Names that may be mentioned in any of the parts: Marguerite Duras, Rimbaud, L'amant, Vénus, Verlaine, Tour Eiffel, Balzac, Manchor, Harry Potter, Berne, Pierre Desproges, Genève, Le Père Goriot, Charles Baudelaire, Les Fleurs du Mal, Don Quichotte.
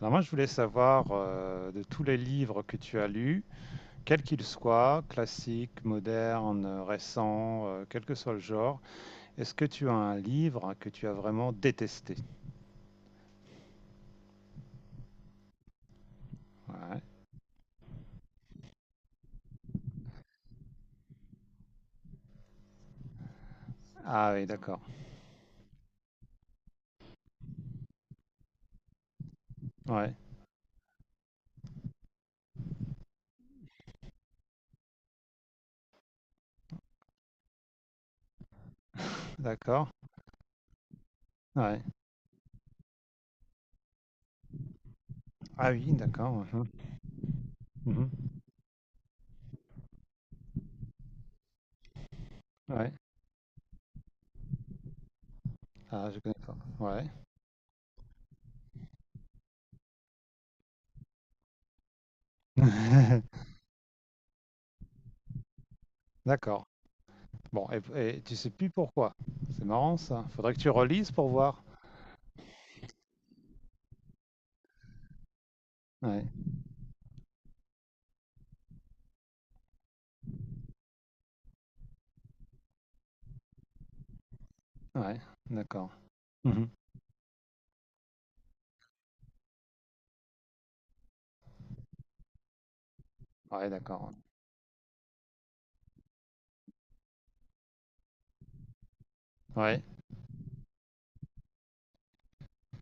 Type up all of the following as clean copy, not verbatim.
Alors moi, je voulais savoir de tous les livres que tu as lus, quels qu'ils soient, classiques, modernes, récents, quel que soit le genre, est-ce que tu as un livre que tu as vraiment détesté? Ouais. Ah oui, d'accord. Ouais, d'accord. Ouais. Ah oui, d'accord. Mhm, mhm. Ouais. Ah, je connais pas. Ouais. D'accord. Bon, et tu sais plus pourquoi. C'est marrant ça. Faudrait que tu relises pour voir. Ouais. Ouais. D'accord. Mhm. Ouais, d'accord. Ouais.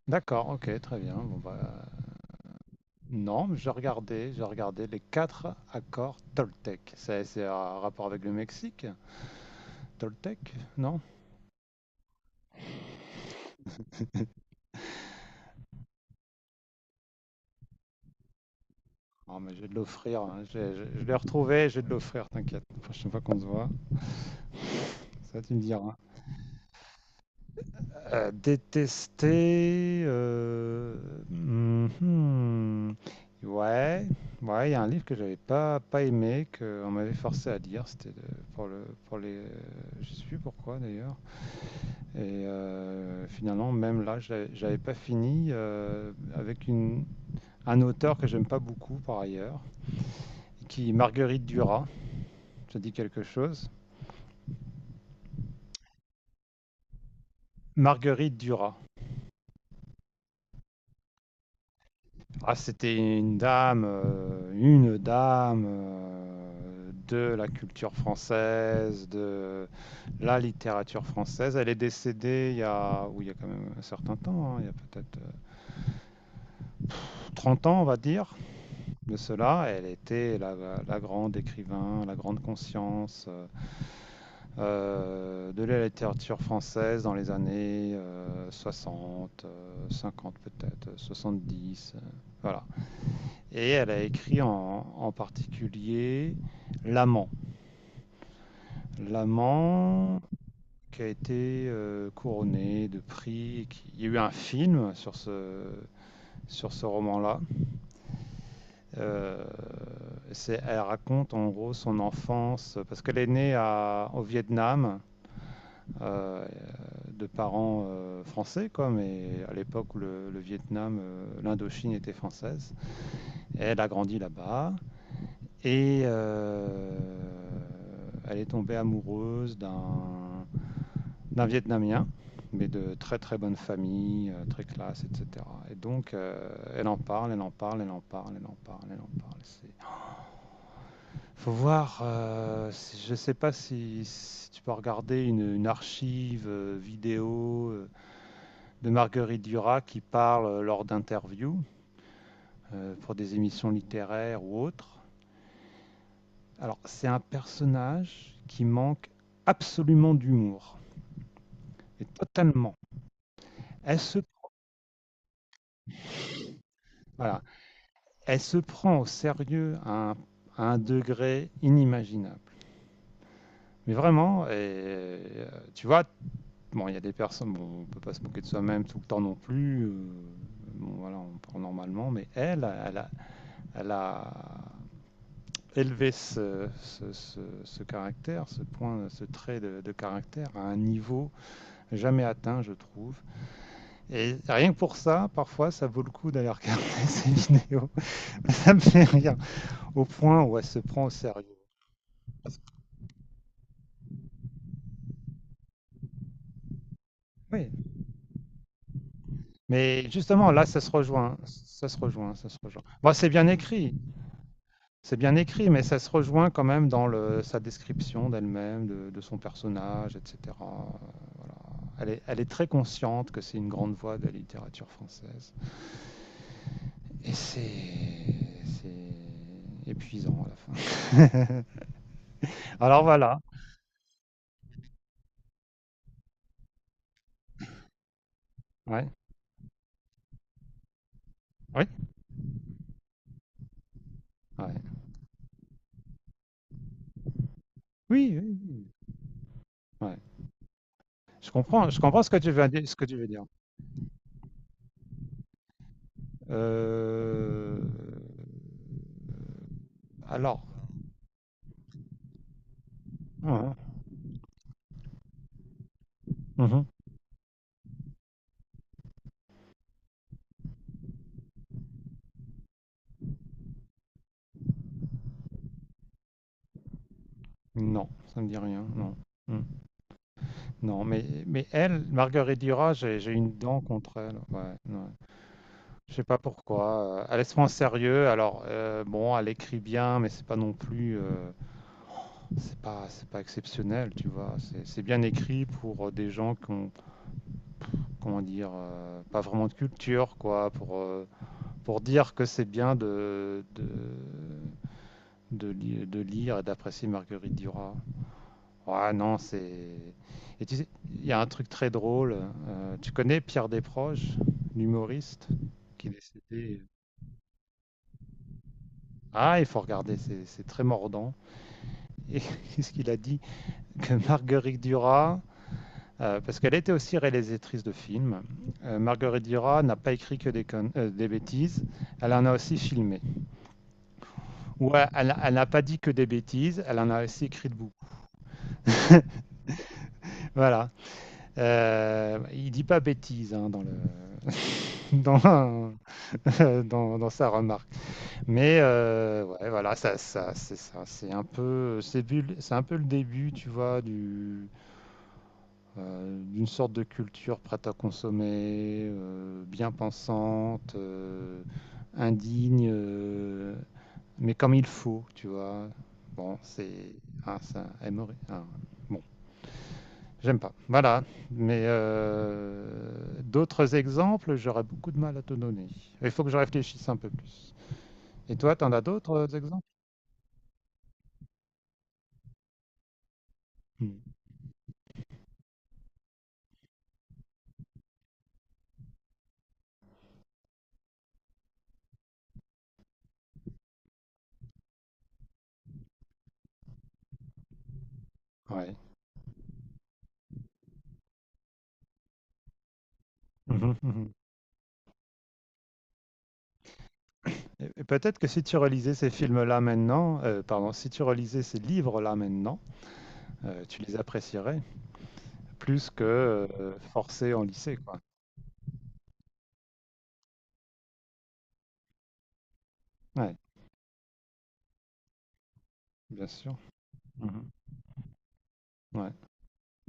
D'accord, ok, très bien. Bon, bah, non, mais j'ai regardé les quatre accords Toltec. C'est un rapport avec le Mexique, Toltec, non? Non, mais j'ai de l'offrir, hein. Je l'ai retrouvé, j'ai de l'offrir, t'inquiète. La prochaine fois qu'on se voit, ça tu me diras. Détester, mhm. Ouais, ouais, il y a un livre que j'avais pas aimé, que on m'avait forcé à lire. C'était de- pour le pour les. Je sais plus pourquoi d'ailleurs. Et finalement, même là, j'avais pas fini avec un auteur que j'aime pas beaucoup par ailleurs, qui Marguerite Duras. Ça dit quelque chose. Marguerite Duras. Ah, c'était une dame de la culture française, de la littérature française. Elle est décédée il y a, oui, il y a quand même un certain temps, hein, il y a peut-être 30 ans, on va dire. De cela. Elle était la grande écrivain, la grande conscience de la littérature française dans les années 60, 50 peut-être, 70. Voilà. Et elle a écrit en particulier L'amant. L'amant qui a été couronné de prix. Il y a eu un film sur sur ce roman-là. Euh, c'est- elle raconte en gros son enfance, parce qu'elle est née au Vietnam, euh, de parents français, quoi, mais à l'époque où le Vietnam, l'Indochine était française. Elle a grandi là-bas et elle est tombée amoureuse d'un Vietnamien, mais de très très bonne famille, très classe, etc. Et donc elle en parle, elle en parle, elle en parle, elle en parle, elle en parle. C'est Faut voir, je sais pas si tu peux regarder une archive vidéo de Marguerite Duras qui parle lors d'interviews pour des émissions littéraires ou autres. Alors, c'est un personnage qui manque absolument d'humour, et totalement. Elle se, voilà, elle se prend au sérieux à à un degré inimaginable. Mais vraiment, tu vois, bon, il y a des personnes, bon, on peut pas se moquer de soi-même tout le temps non plus. Bon, voilà, on prend normalement, mais elle, elle a élevé ce caractère, ce point, ce trait de caractère à un niveau jamais atteint, je trouve. Et rien que pour ça, parfois, ça vaut le coup d'aller regarder ces vidéos. Ça me fait rire au point où elle se prend au sérieux. Oui. Mais justement, là, ça se rejoint. Bon, c'est bien écrit. C'est bien écrit, mais ça se rejoint quand même dans le sa description d'elle-même, de son personnage, et cetera, voilà. Elle est très consciente que c'est une grande voix de la littérature française et c'est épuisant à la fin. Alors voilà. Ouais. Oui? Ouais. Oui, oui, oui. Ouais. Je comprends ce que tu veux di ce que tu veux dire. Heu, alors, mmh mh. Mmh. Non, ça me dit rien, non. Mmh. Non, mais elle, Marguerite Duras, j'ai une dent contre elle. Ouais, ouais. Je sais pas pourquoi. Elle est souvent au sérieux. Alors, bon, elle écrit bien, mais c'est pas non plus. C'est pas exceptionnel, tu vois. C'est bien écrit pour des gens qui ont, comment dire, pas vraiment de culture, quoi. Pour dire que c'est bien de lire et d'apprécier Marguerite Duras. Ah non, c'est. Et tu sais, il y a un truc très drôle. Tu connais Pierre Desproges, l'humoriste qui est décédé. Ah, il faut regarder, c'est très mordant. Et qu'est-ce qu'il a dit? Que Marguerite Duras, parce qu'elle était aussi réalisatrice de films, Marguerite Duras n'a pas écrit que des bêtises, elle en a aussi filmé. Ou elle n'a pas dit que des bêtises, elle en a aussi écrit de beaucoup. Voilà. Il dit pas bêtises, hein, dans le dans dans sa remarque. Mais ouais, voilà, c'est ça, c'est un peu, c'est un peu le début, tu vois, d'une sorte de culture prête à consommer, bien pensante, indigne, mais comme il faut, tu vois. Bon, c'est, ah, ça, aimerait, ah, bon, j'aime pas. Voilà, mais d'autres exemples, j'aurais beaucoup de mal à te donner. Il faut que je réfléchisse un peu plus. Et toi, t'en as d'autres exemples? Mhm. Ouais. Mhm, mhm. Et peut-être que si tu relisais ces films-là maintenant, pardon, si tu relisais ces livres-là maintenant, tu les apprécierais plus que forcé en lycée, quoi. Ouais, bien sûr. Mhm. Ouais.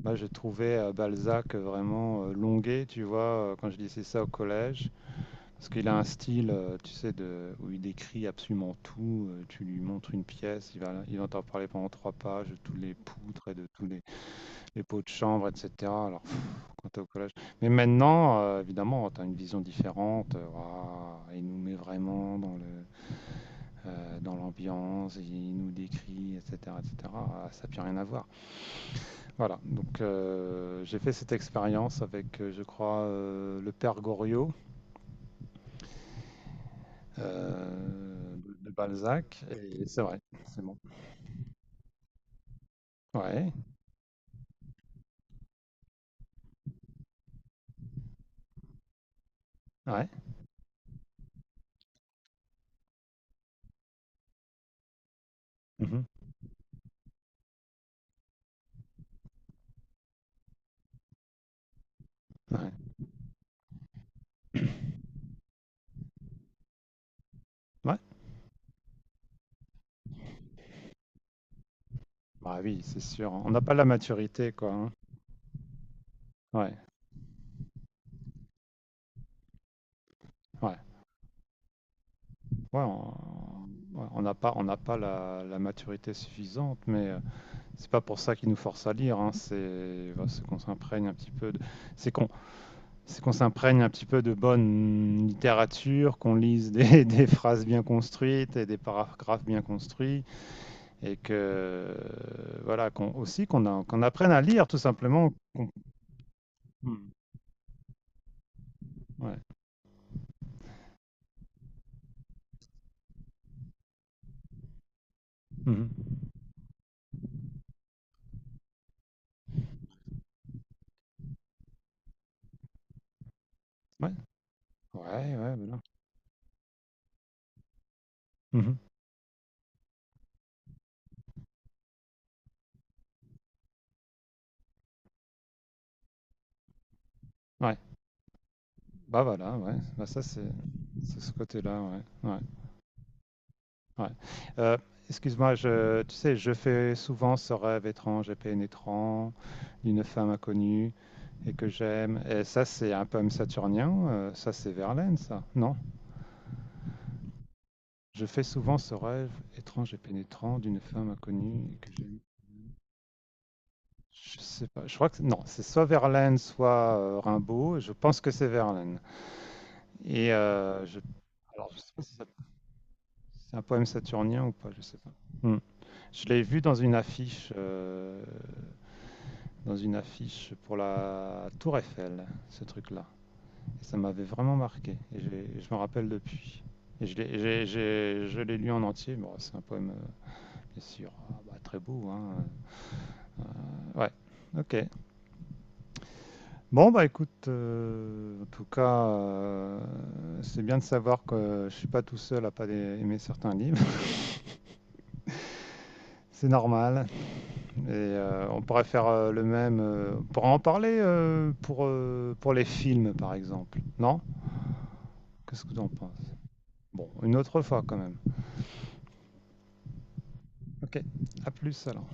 Moi, j'ai trouvé Balzac vraiment longué, tu vois, quand je lisais ça au collège, parce qu'il a un style, tu sais, où il décrit absolument tout. Tu lui montres une pièce, il entend parler pendant trois pages de tous les poutres et de tous les pots de chambre, etc. Alors, quand t'es au collège. Mais maintenant, évidemment, tu as une vision différente. Waouh, il nous met vraiment dans dans l'ambiance, il nous décrit, etc., etc. Ah, ça n'a plus rien à voir. Voilà. Donc, j'ai fait cette expérience avec, je crois, le père Goriot de Balzac. Et c'est vrai, c'est bon. Ouais, ouais, mhm, ouais, ouais. Bah oui, c'est sûr, hein. On n'a pas la maturité, quoi, hein. Ouais, ouais. Ouais, on n'a pas, la, la maturité suffisante, mais c'est pas pour ça qu'ils nous forcent à lire, hein, c'est voilà, c'est qu'on s'imprègne un petit peu c'est c'est qu'on s'imprègne un petit peu de bonne littérature, qu'on lise des, des phrases bien construites et des paragraphes bien construits, et que voilà, qu'on aussi qu'on apprenne à lire tout simplement. qu'on- Hmm, Ouais. Mhm. Ouais. Ouais, ouais, voilà. Mhm. Ouais. Bah voilà, ouais. C'est ce côté-là, ouais. Ouais. Ouais. Euh, excuse-moi, tu sais, je fais souvent ce rêve étrange et pénétrant d'une femme inconnue et que j'aime. Et ça, c'est un poème saturnien. Ça, c'est Verlaine, ça. Non. Je fais souvent ce rêve étrange et pénétrant d'une femme inconnue et que j'aime. Je sais pas. Je crois que c'est- non. C'est soit Verlaine, soit Rimbaud. Je pense que c'est Verlaine. Et je sais pas si ça- c'est un poème saturnien ou pas. Je sais pas. Hmm. Je l'ai vu dans une affiche. Dans une affiche pour la Tour Eiffel, ce truc-là. Ça m'avait vraiment marqué. Et je me rappelle depuis. Et je l'ai lu en entier. Bon, c'est un poème, bien sûr, ah, bah, très beau, hein. Ouais, ok. Bon, bah écoute, en tout cas, c'est bien de savoir que je suis pas tout seul à pas aimer certains livres. C'est normal. Et on pourrait faire le même. On pourrait en parler pour les films, par exemple. Non? Qu'est-ce que tu en penses? Bon, une autre fois quand même. Ok, à plus alors.